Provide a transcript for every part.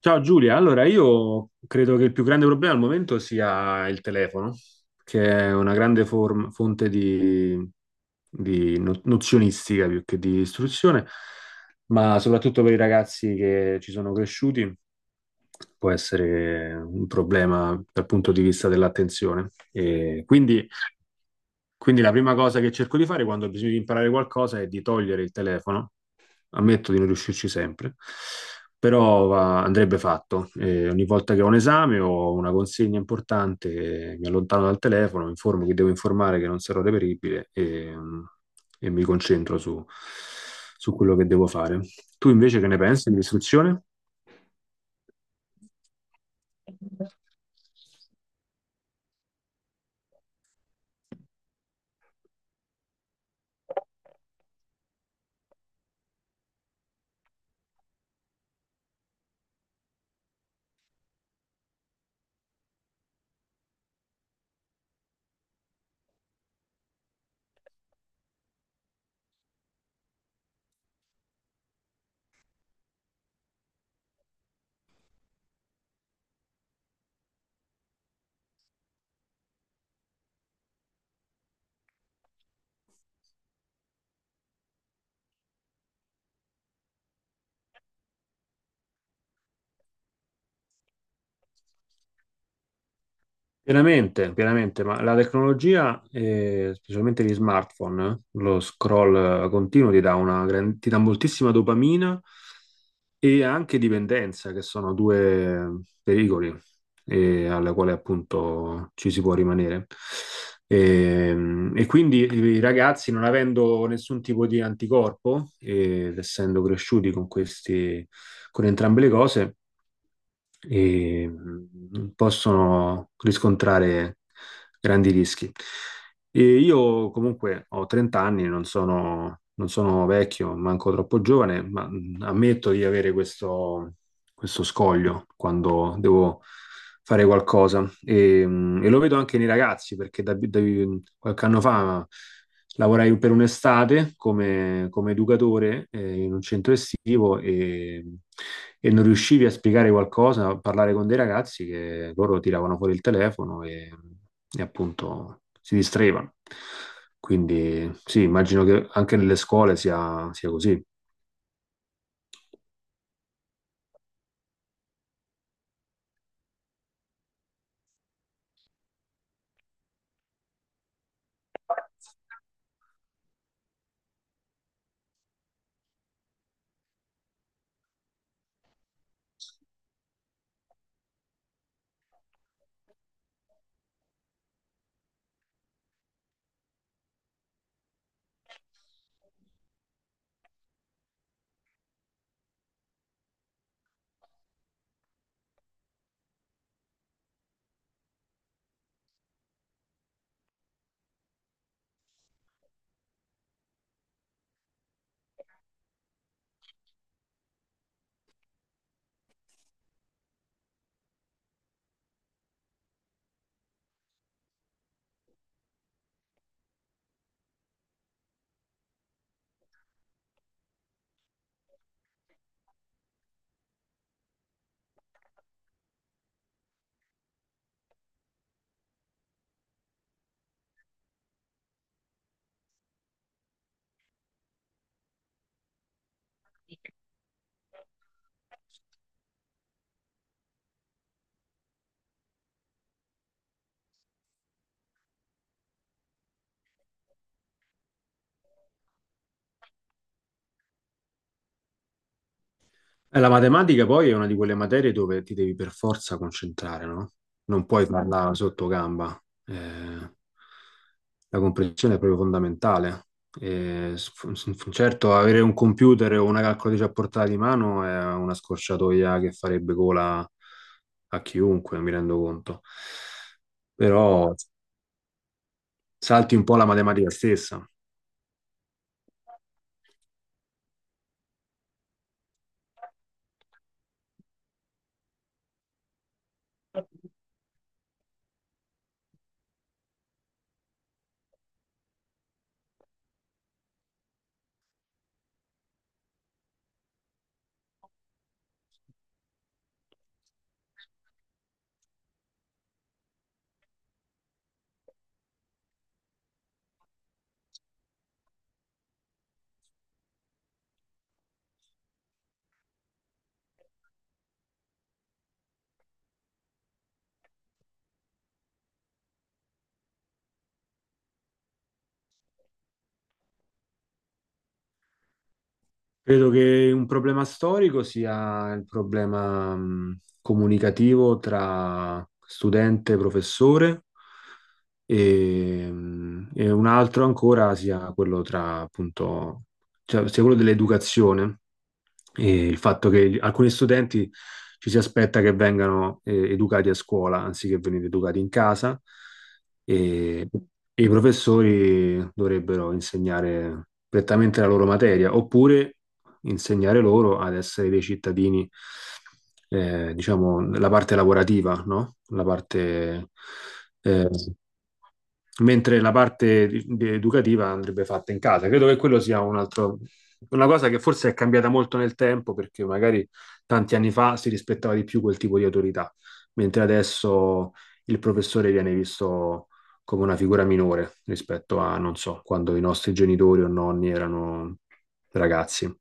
Ciao Giulia, allora io credo che il più grande problema al momento sia il telefono, che è una grande fonte di nozionistica più che di istruzione, ma soprattutto per i ragazzi che ci sono cresciuti può essere un problema dal punto di vista dell'attenzione. Quindi la prima cosa che cerco di fare quando ho bisogno di imparare qualcosa è di togliere il telefono, ammetto di non riuscirci sempre, però andrebbe fatto. Ogni volta che ho un esame o una consegna importante, mi allontano dal telefono, mi informo che devo informare che non sarò reperibile e, e mi concentro su quello che devo fare. Tu invece che ne pensi dell'istruzione? Pienamente, pienamente, ma la tecnologia, specialmente gli smartphone, lo scroll continuo ti dà una ti dà moltissima dopamina e anche dipendenza, che sono due pericoli alla quale appunto ci si può rimanere. E, e quindi i ragazzi, non avendo nessun tipo di anticorpo ed essendo cresciuti con questi, con entrambe le cose, e possono riscontrare grandi rischi. E io comunque ho 30 anni, non sono vecchio, manco troppo giovane, ma ammetto di avere questo, questo scoglio quando devo fare qualcosa. E lo vedo anche nei ragazzi, perché qualche anno fa lavorai per un'estate come educatore in un centro estivo e non riuscivi a spiegare qualcosa, a parlare con dei ragazzi che loro tiravano fuori il telefono e appunto si distraevano. Quindi sì, immagino che anche nelle scuole sia così. La matematica poi è una di quelle materie dove ti devi per forza concentrare, no? Non puoi farla sotto gamba. Eh, la comprensione è proprio fondamentale. Certo, avere un computer o una calcolatrice a portata di mano è una scorciatoia che farebbe cola a chiunque, mi rendo conto. Però salti un po' la matematica stessa. Credo che un problema storico sia il problema comunicativo tra studente e professore e un altro ancora sia quello tra sia quello dell'educazione, e il fatto che alcuni studenti ci si aspetta che vengano educati a scuola anziché venire educati in casa e, e i professori dovrebbero insegnare prettamente la loro materia oppure insegnare loro ad essere dei cittadini, diciamo, la parte lavorativa, no? La parte eh, mentre la parte educativa andrebbe fatta in casa. Credo che quello sia un altro, una cosa che forse è cambiata molto nel tempo, perché magari tanti anni fa si rispettava di più quel tipo di autorità, mentre adesso il professore viene visto come una figura minore rispetto a, non so, quando i nostri genitori o nonni erano ragazzi.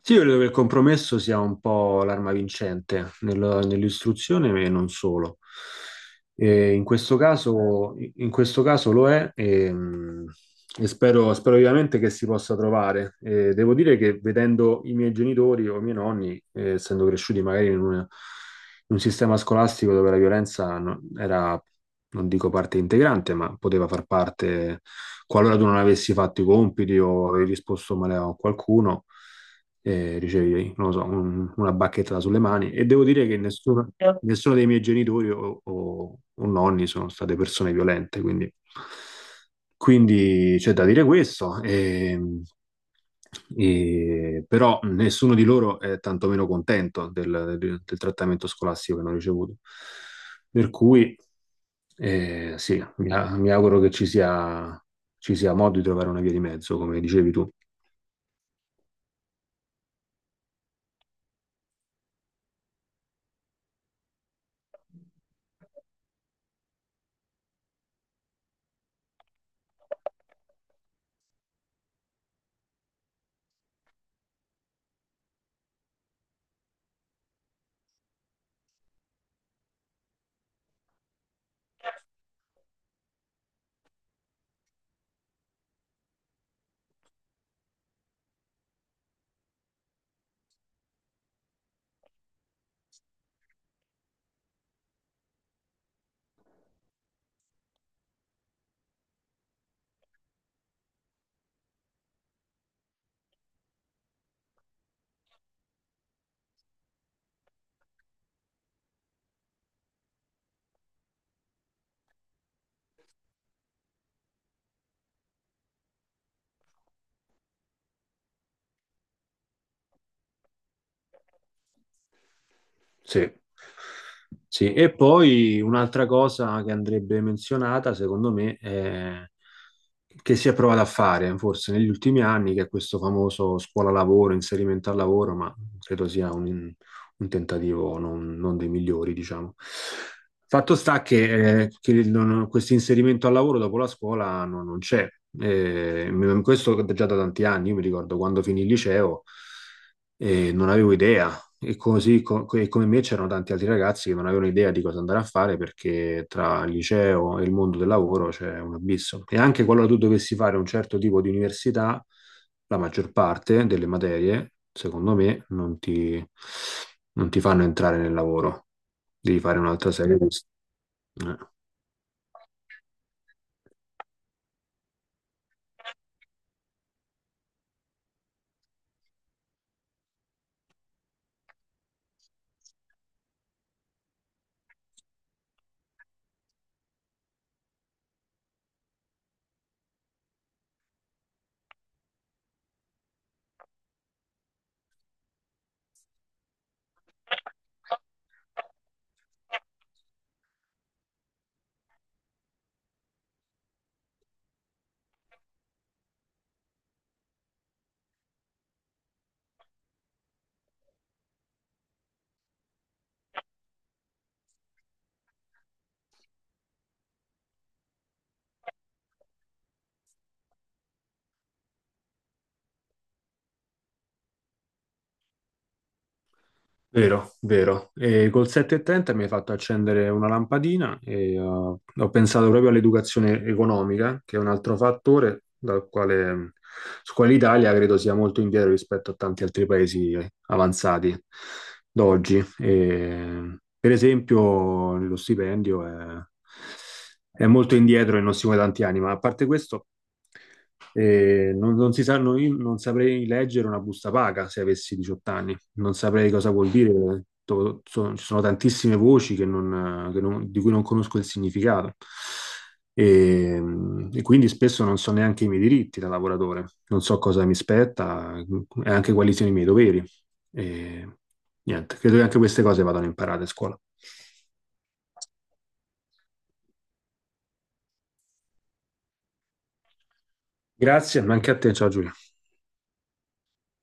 Sì, io credo che il compromesso sia un po' l'arma vincente nell'istruzione e non solo. E in questo caso lo è e spero, spero vivamente che si possa trovare. E devo dire che vedendo i miei genitori o i miei nonni, essendo cresciuti magari in un sistema scolastico dove la violenza era, non dico parte integrante, ma poteva far parte qualora tu non avessi fatto i compiti o avevi risposto male a qualcuno, ricevi, non lo so, una bacchetta sulle mani. E devo dire che nessuno, nessuno dei miei genitori o nonni sono state persone violente, quindi, quindi c'è da dire questo. E però nessuno di loro è tantomeno contento del trattamento scolastico che hanno ricevuto. Per cui, sì, mi auguro che ci sia modo di trovare una via di mezzo, come dicevi tu. Sì. Sì, e poi un'altra cosa che andrebbe menzionata, secondo me, è che si è provata a fare forse negli ultimi anni, che è questo famoso scuola-lavoro, inserimento al lavoro, ma credo sia un tentativo non dei migliori, diciamo. Fatto sta che questo inserimento al lavoro dopo la scuola non c'è. Questo già da tanti anni, io mi ricordo quando finì il liceo e non avevo idea e così e come me c'erano tanti altri ragazzi che non avevano idea di cosa andare a fare perché tra il liceo e il mondo del lavoro c'è un abisso. E anche qualora tu dovessi fare un certo tipo di università, la maggior parte delle materie, secondo me, non ti fanno entrare nel lavoro. Devi fare un'altra serie di... Eh. Vero, vero. E col 730 mi hai fatto accendere una lampadina e ho pensato proprio all'educazione economica, che è un altro fattore dal quale, su quale l'Italia credo sia molto indietro rispetto a tanti altri paesi avanzati d'oggi. E, per esempio, lo stipendio è molto indietro e non si muove da tanti anni, ma a parte questo, non si sanno, io non saprei leggere una busta paga se avessi 18 anni non saprei cosa vuol dire. Ci sono tantissime voci che non- di cui non conosco il significato. E, e quindi spesso non so neanche i miei diritti da lavoratore, non so cosa mi spetta e anche quali siano i miei doveri. E, niente, credo che anche queste cose vadano imparate a scuola. Grazie, ma anche a te, ciao Giulia.